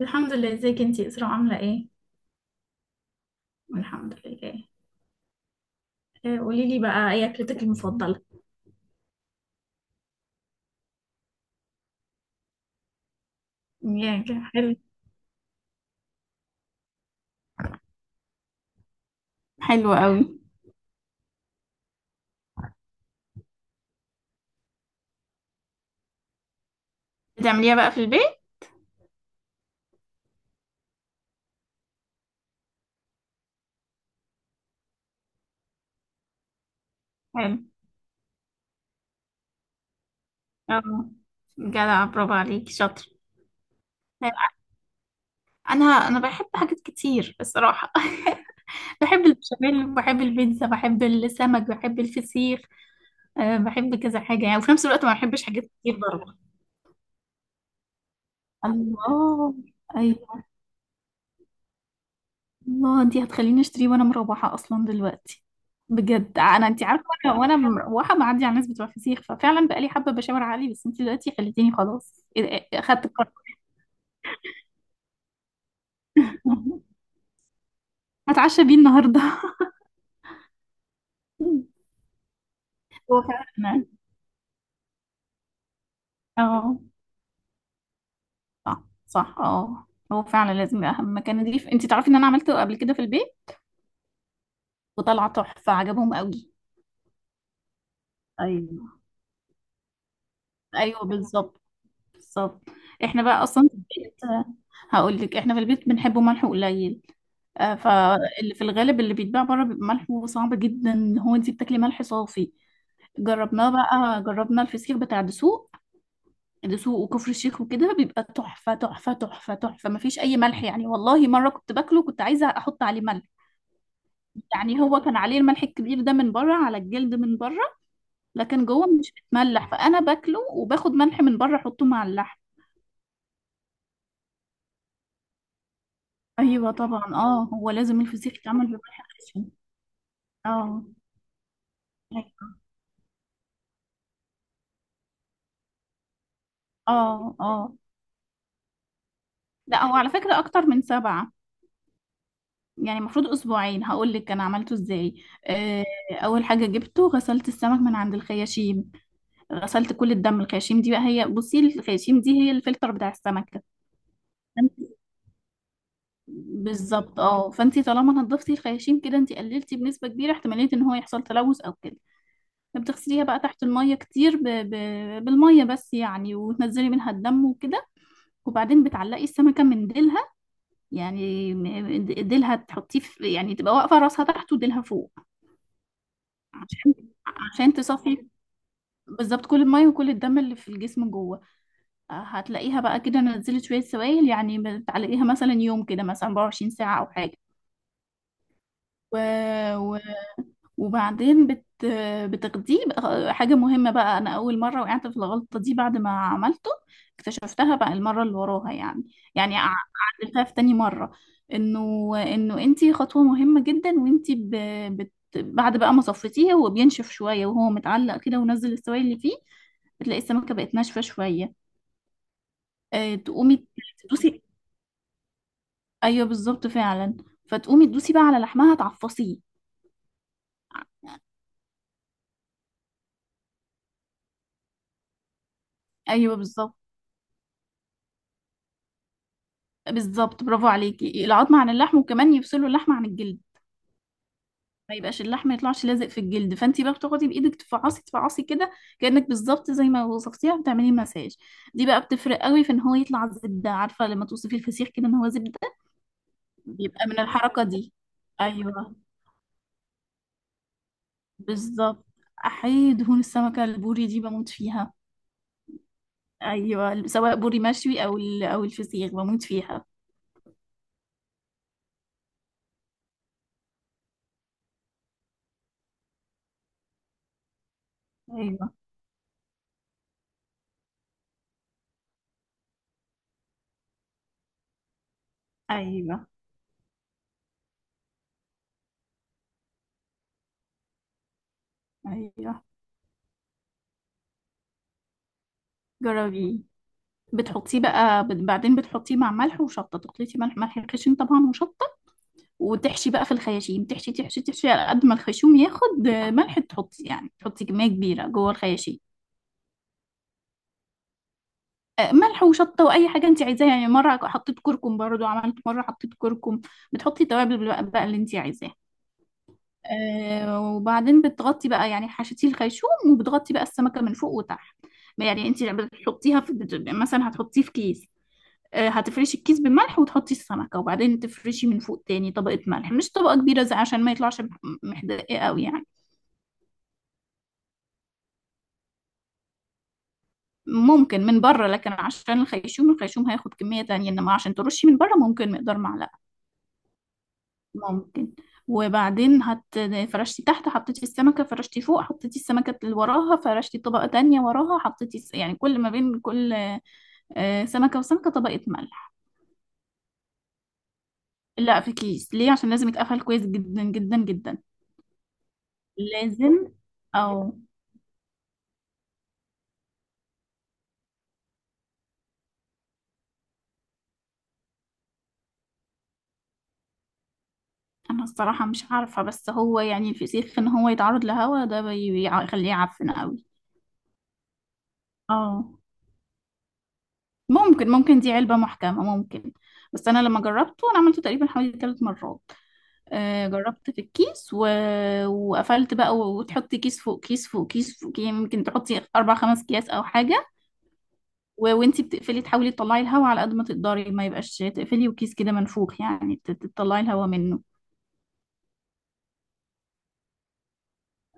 الحمد لله، ازيك انتي اسراء؟ عامله ايه؟ الحمد لله. إيه، قولي لي بقى، ايه اكلتك المفضله؟ ياك. حلو. حلو قوي. بتعمليها بقى في البيت؟ حلو. اه. جدع، برافو عليكي، شاطر. انا بحب حاجات كتير الصراحه. بحب البشاميل، بحب البيتزا، بحب السمك، بحب الفسيخ. أه، بحب كذا حاجه يعني، وفي نفس الوقت ما بحبش حاجات كتير برضه. الله. ايوه. الله، انتي هتخليني اشتريه وانا مروحه اصلا دلوقتي. بجد، انا انتي عارفه، وانا مروحه معدي على الناس بتوع فسيخ، ففعلا بقالي حبه بشاور عليه، بس انتي دلوقتي خليتيني خلاص، إيه- ده، إيه، اخدت القرار. هتعشى بيه النهارده؟ هو فعلا. اه. صح، صح، اه. هو فعلا لازم اهم مكان نضيف. انتي تعرفي ان انا عملته قبل كده في البيت، وطلع تحفه، عجبهم قوي. ايوه. ايوه بالظبط. بالظبط. احنا بقى اصلا في البيت، هقول لك، احنا في البيت بنحبه ملح قليل. فاللي في الغالب اللي بيتباع بره بيبقى ملحه صعب جدا، ان هو انت بتاكلي ملح صافي. جربنا الفسيخ بتاع دسوق. دسوق وكفر الشيخ وكده بيبقى تحفة تحفة تحفة تحفة، مفيش أي ملح يعني. والله مرة كنت باكله، كنت عايزة أحط عليه ملح. يعني هو كان عليه الملح الكبير ده من بره، على الجلد من بره، لكن جوه مش بتملح، فأنا باكله وباخد ملح من بره أحطه مع اللحم. أيوة طبعا، اه، هو لازم الفسيخ يتعمل بملح خشن. اه. أيوة. اه اه. لا، هو على فكرة أكتر من سبعة، يعني المفروض أسبوعين. هقول لك أنا عملته إزاي. آه، أول حاجة جبته، غسلت السمك من عند الخياشيم، غسلت كل الدم. الخياشيم دي بقى هي، بصي، الخياشيم دي هي الفلتر بتاع السمكة. فأنت- بالظبط، اه، فأنتي طالما نضفتي الخياشيم كده، أنتي قللتي بنسبة كبيرة احتمالية إن هو يحصل تلوث أو كده. فبتغسليها بقى تحت المية كتير، بالمية بس يعني، وتنزلي منها الدم وكده. وبعدين بتعلقي السمكة من ديلها، يعني ديلها تحطيه في، يعني تبقى واقفة، راسها تحت وديلها فوق. عشان، تصفي بالظبط كل المية وكل الدم اللي في الجسم جوه. هتلاقيها بقى كده نزلت شوية سوائل يعني، بتعلقيها مثلا يوم كده، مثلا 24 ساعة أو حاجة. و... وبعدين بت بتغذيه حاجة مهمة بقى، أنا أول مرة وقعت في الغلطة دي بعد ما عملته، اكتشفتها بقى المرة اللي وراها يعني. يعني عدلتها في تاني مرة. إنه أنتي خطوة مهمة جدا، وأنتي بعد بقى ما صفيتيه، هو بينشف شوية وهو متعلق كده ونزل السوائل اللي فيه، بتلاقي السمكة بقت ناشفة شوية. تقومي تدوسي. أيوه، بالظبط فعلا. فتقومي تدوسي بقى على لحمها، تعفصيه. أيوه بالظبط. بالظبط، برافو عليكي. العظم عن اللحم، وكمان يفصلوا اللحم عن الجلد، ما يبقاش اللحم ما يطلعش لازق في الجلد. فانت بقى بتاخدي بايدك تفعصي تفعصي كده، كانك بالظبط زي ما وصفتيها بتعملي مساج. دي بقى بتفرق قوي في ان هو يطلع زبده. عارفه لما توصفي الفسيخ كده ان هو زبده، بيبقى من الحركه دي. ايوه. بالظبط. احيي دهون السمكه البوري دي، بموت فيها. ايوه، سواء بوري مشوي او او الفسيخ، بموت فيها. ايوه. ايوه. ايوه. جربي. بتحطيه بقى، بعدين بتحطيه مع ملح وشطه، تخلطي ملح، خشن طبعا، وشطه. وتحشي بقى في الخياشيم، تحشي تحشي تحشي على قد ما الخيشوم ياخد، ملح. يعني تحطي كميه كبيره جوه الخياشيم. ملح وشطه، واي حاجه انت عايزاها. يعني مره حطيت كركم برضو، عملت مره حطيت كركم. بتحطي التوابل بقى اللي انت عايزاها. وبعدين بتغطي بقى، يعني حشتي الخيشوم، وبتغطي بقى السمكه من فوق وتحت. يعني انت بتحطيها في، مثلا هتحطيه في كيس. هتفرشي الكيس بملح وتحطي السمكة، وبعدين تفرشي من فوق تاني طبقة ملح، مش طبقة كبيرة زي، عشان ما يطلعش محدقة قوي يعني. ممكن من بره، لكن عشان الخيشوم، هياخد كمية تانية، انما عشان ترشي من بره ممكن مقدار معلقة. ممكن. وبعدين فرشتي تحت حطيتي السمكة، فرشتي فوق حطيتي السمكة اللي وراها، فرشتي طبقة تانية وراها حطيتي يعني كل ما بين كل سمكة وسمكة طبقة ملح. لا، في كيس، ليه عشان لازم يتقفل كويس جدا جدا جدا. لازم. او. انا الصراحة مش عارفة، بس هو يعني الفسيخ ان هو يتعرض لهوا ده يخليه يعفن قوي. اه. ممكن دي علبة محكمة، ممكن. بس انا لما جربته، انا عملته تقريبا حوالي 3 مرات. آه جربت في الكيس، وقفلت بقى، وتحطي كيس فوق كيس فوق كيس فوق، يعني ممكن تحطي اربع خمس اكياس او حاجة. وانتي بتقفلي، تحاولي تطلعي الهوا على قد ما تقدري، ما يبقاش تقفلي وكيس كده منفوخ، يعني تطلعي الهوا منه.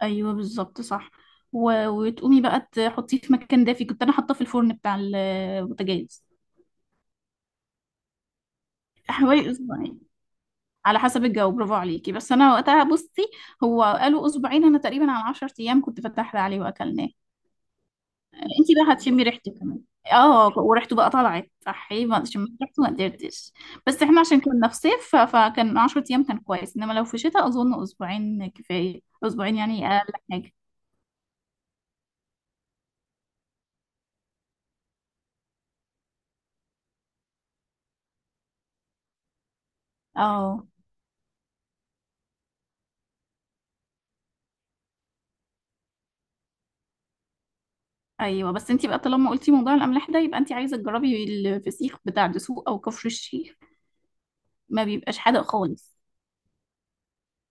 ايوه بالظبط، صح. وتقومي بقى تحطيه في مكان دافي. كنت انا حاطاه في الفرن بتاع البوتاجاز. حوالي اسبوعين، على حسب الجو. برافو عليكي، بس انا وقتها بصي، هو قالوا اسبوعين، انا تقريبا على 10 ايام كنت، فتحنا عليه واكلناه. انتي بقى هتشمي ريحته كمان. اه وريحته بقى طلعت صحي، ما شميت ريحته، ما قدرتش. بس احنا عشان كنا في صيف، فكان 10 ايام كان كويس، انما لو في شتاء اظن اسبوعين كفايه، اسبوعين يعني اقل حاجه. اه. ايوه بس انت بقى طالما قلتي موضوع الاملاح ده، يبقى انت عايزه تجربي الفسيخ بتاع دسوق او كفر الشيخ، ما بيبقاش حادق خالص.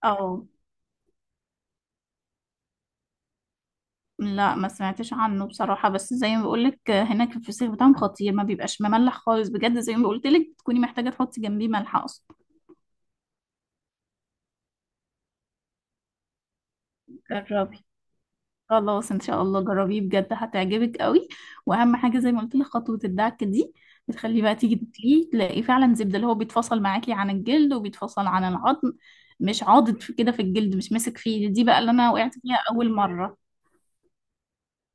اه. لا، ما سمعتش عنه بصراحه، بس زي ما بقولك هناك الفسيخ بتاعهم خطير، ما بيبقاش مملح خالص بجد، زي ما قلت لك تكوني محتاجه تحطي جنبيه ملح اصلا. جربي. خلاص ان شاء الله جربيه بجد هتعجبك قوي، واهم حاجه زي ما قلت لك خطوه الدعك دي، بتخليه بقى تيجي تاكليه، تلاقي فعلا زبده، اللي هو بيتفصل معاكي عن الجلد وبيتفصل عن العظم، مش عاضد في كده في الجلد، مش ماسك فيه. دي بقى اللي انا وقعت فيها اول مره.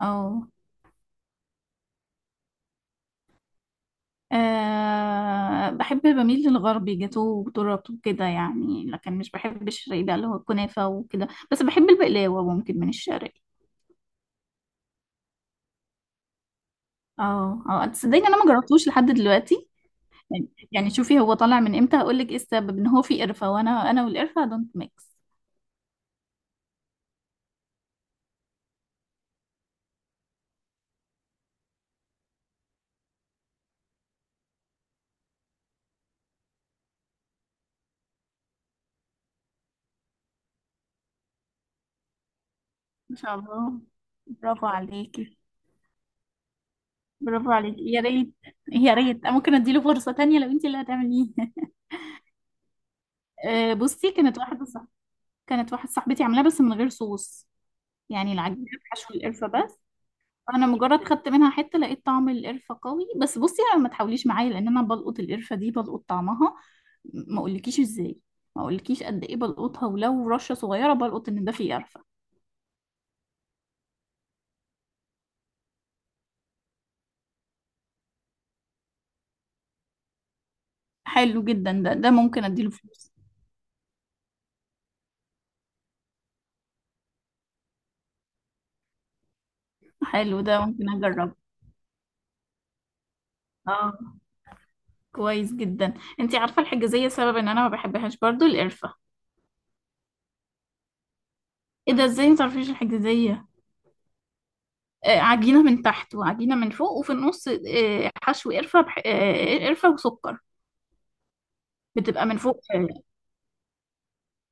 اه. بحب بميل للغربي، جاتوه وتورت وكده يعني، لكن مش بحب الشرقي بقى اللي هو الكنافه وكده، بس بحب البقلاوه ممكن من الشرقي. اه اه، تصدقيني انا ما جربتوش لحد دلوقتي. يعني شوفي هو طالع من امتى، هقول لك ايه السبب، ان هو في قرفه، وانا والقرفه دونت ميكس. ما شاء الله. برافو عليكي. برافو عليكي، يا ريت. يا ريت، ممكن اديله فرصة تانية لو انت اللي هتعمليه. بصي، كانت واحدة صح، كانت واحدة صاحبتي عاملاها بس من غير صوص، يعني العجينة بحشو القرفة بس. أنا مجرد خدت منها حتة، لقيت طعم القرفة قوي، بس بصي أنا ما تحاوليش معايا، لأن أنا بلقط القرفة دي، بلقط طعمها. ما أقولكيش إزاي، ما أقولكيش قد إيه بلقطها، ولو رشة صغيرة بلقط إن ده فيه قرفة. حلو جدا ده ممكن اديله فلوس. حلو ده ممكن اجربه. اه. كويس جدا. انتي عارفه الحجازيه؟ سبب ان انا ما بحبهاش برضو القرفه. ايه ده، ازاي ما تعرفيش الحجازيه؟ عجينه من تحت وعجينه من فوق، وفي النص حشو قرفه، بح... آه قرفه وسكر. بتبقى من فوق.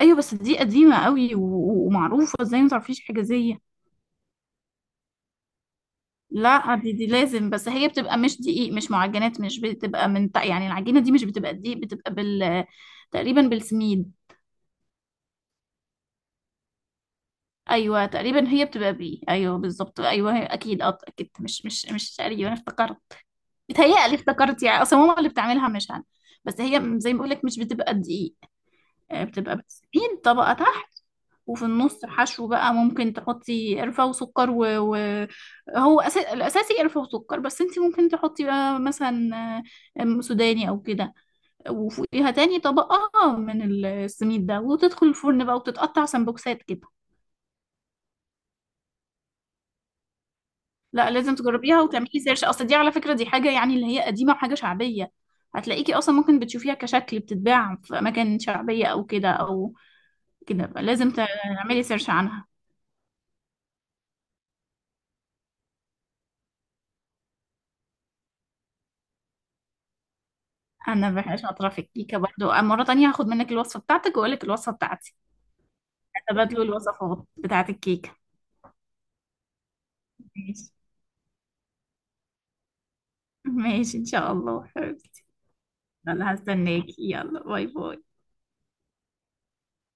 ايوه بس دي قديمه قوي، ومعروفه، ازاي ما تعرفيش حجازيه؟ لا، دي لازم. بس هي بتبقى مش دقيق، مش معجنات، مش بتبقى من تحت. يعني العجينه دي مش بتبقى دقيق، بتبقى تقريبا بالسميد. ايوه تقريبا هي بتبقى ايوه بالظبط، ايوه هي اكيد، اه اكيد، مش تقريبا، أنا افتكرت. بتهيألي افتكرت، يعني اصلا ماما اللي بتعملها مش انا، بس هي زي ما بقول لك مش بتبقى دقيق. بتبقى، بتسيب طبقه تحت، وفي النص حشو بقى، ممكن تحطي قرفه وسكر هو الاساسي قرفه وسكر، بس انت ممكن تحطي بقى مثلا آه، آم، سوداني او كده، وفوقيها تاني طبقه من السميد ده، وتدخل الفرن بقى، وتتقطع سمبوكسات كده. لا، لازم تجربيها وتعملي سيرش، اصل دي على فكرة دي حاجة يعني اللي هي قديمة، وحاجة شعبية. هتلاقيكي اصلا ممكن بتشوفيها كشكل بتتباع في اماكن شعبية او كده، او كده لازم تعملي سيرش عنها. انا شاطرة في الكيكة برضو، مرة تانية هاخد منك الوصفة بتاعتك، واقول لك الوصفة بتاعتي. تبادلوا الوصفات بتاعت الكيكة. ماشي. ماشي ان شاء الله حبيبتي. يلا هستناكي، يلا باي باي.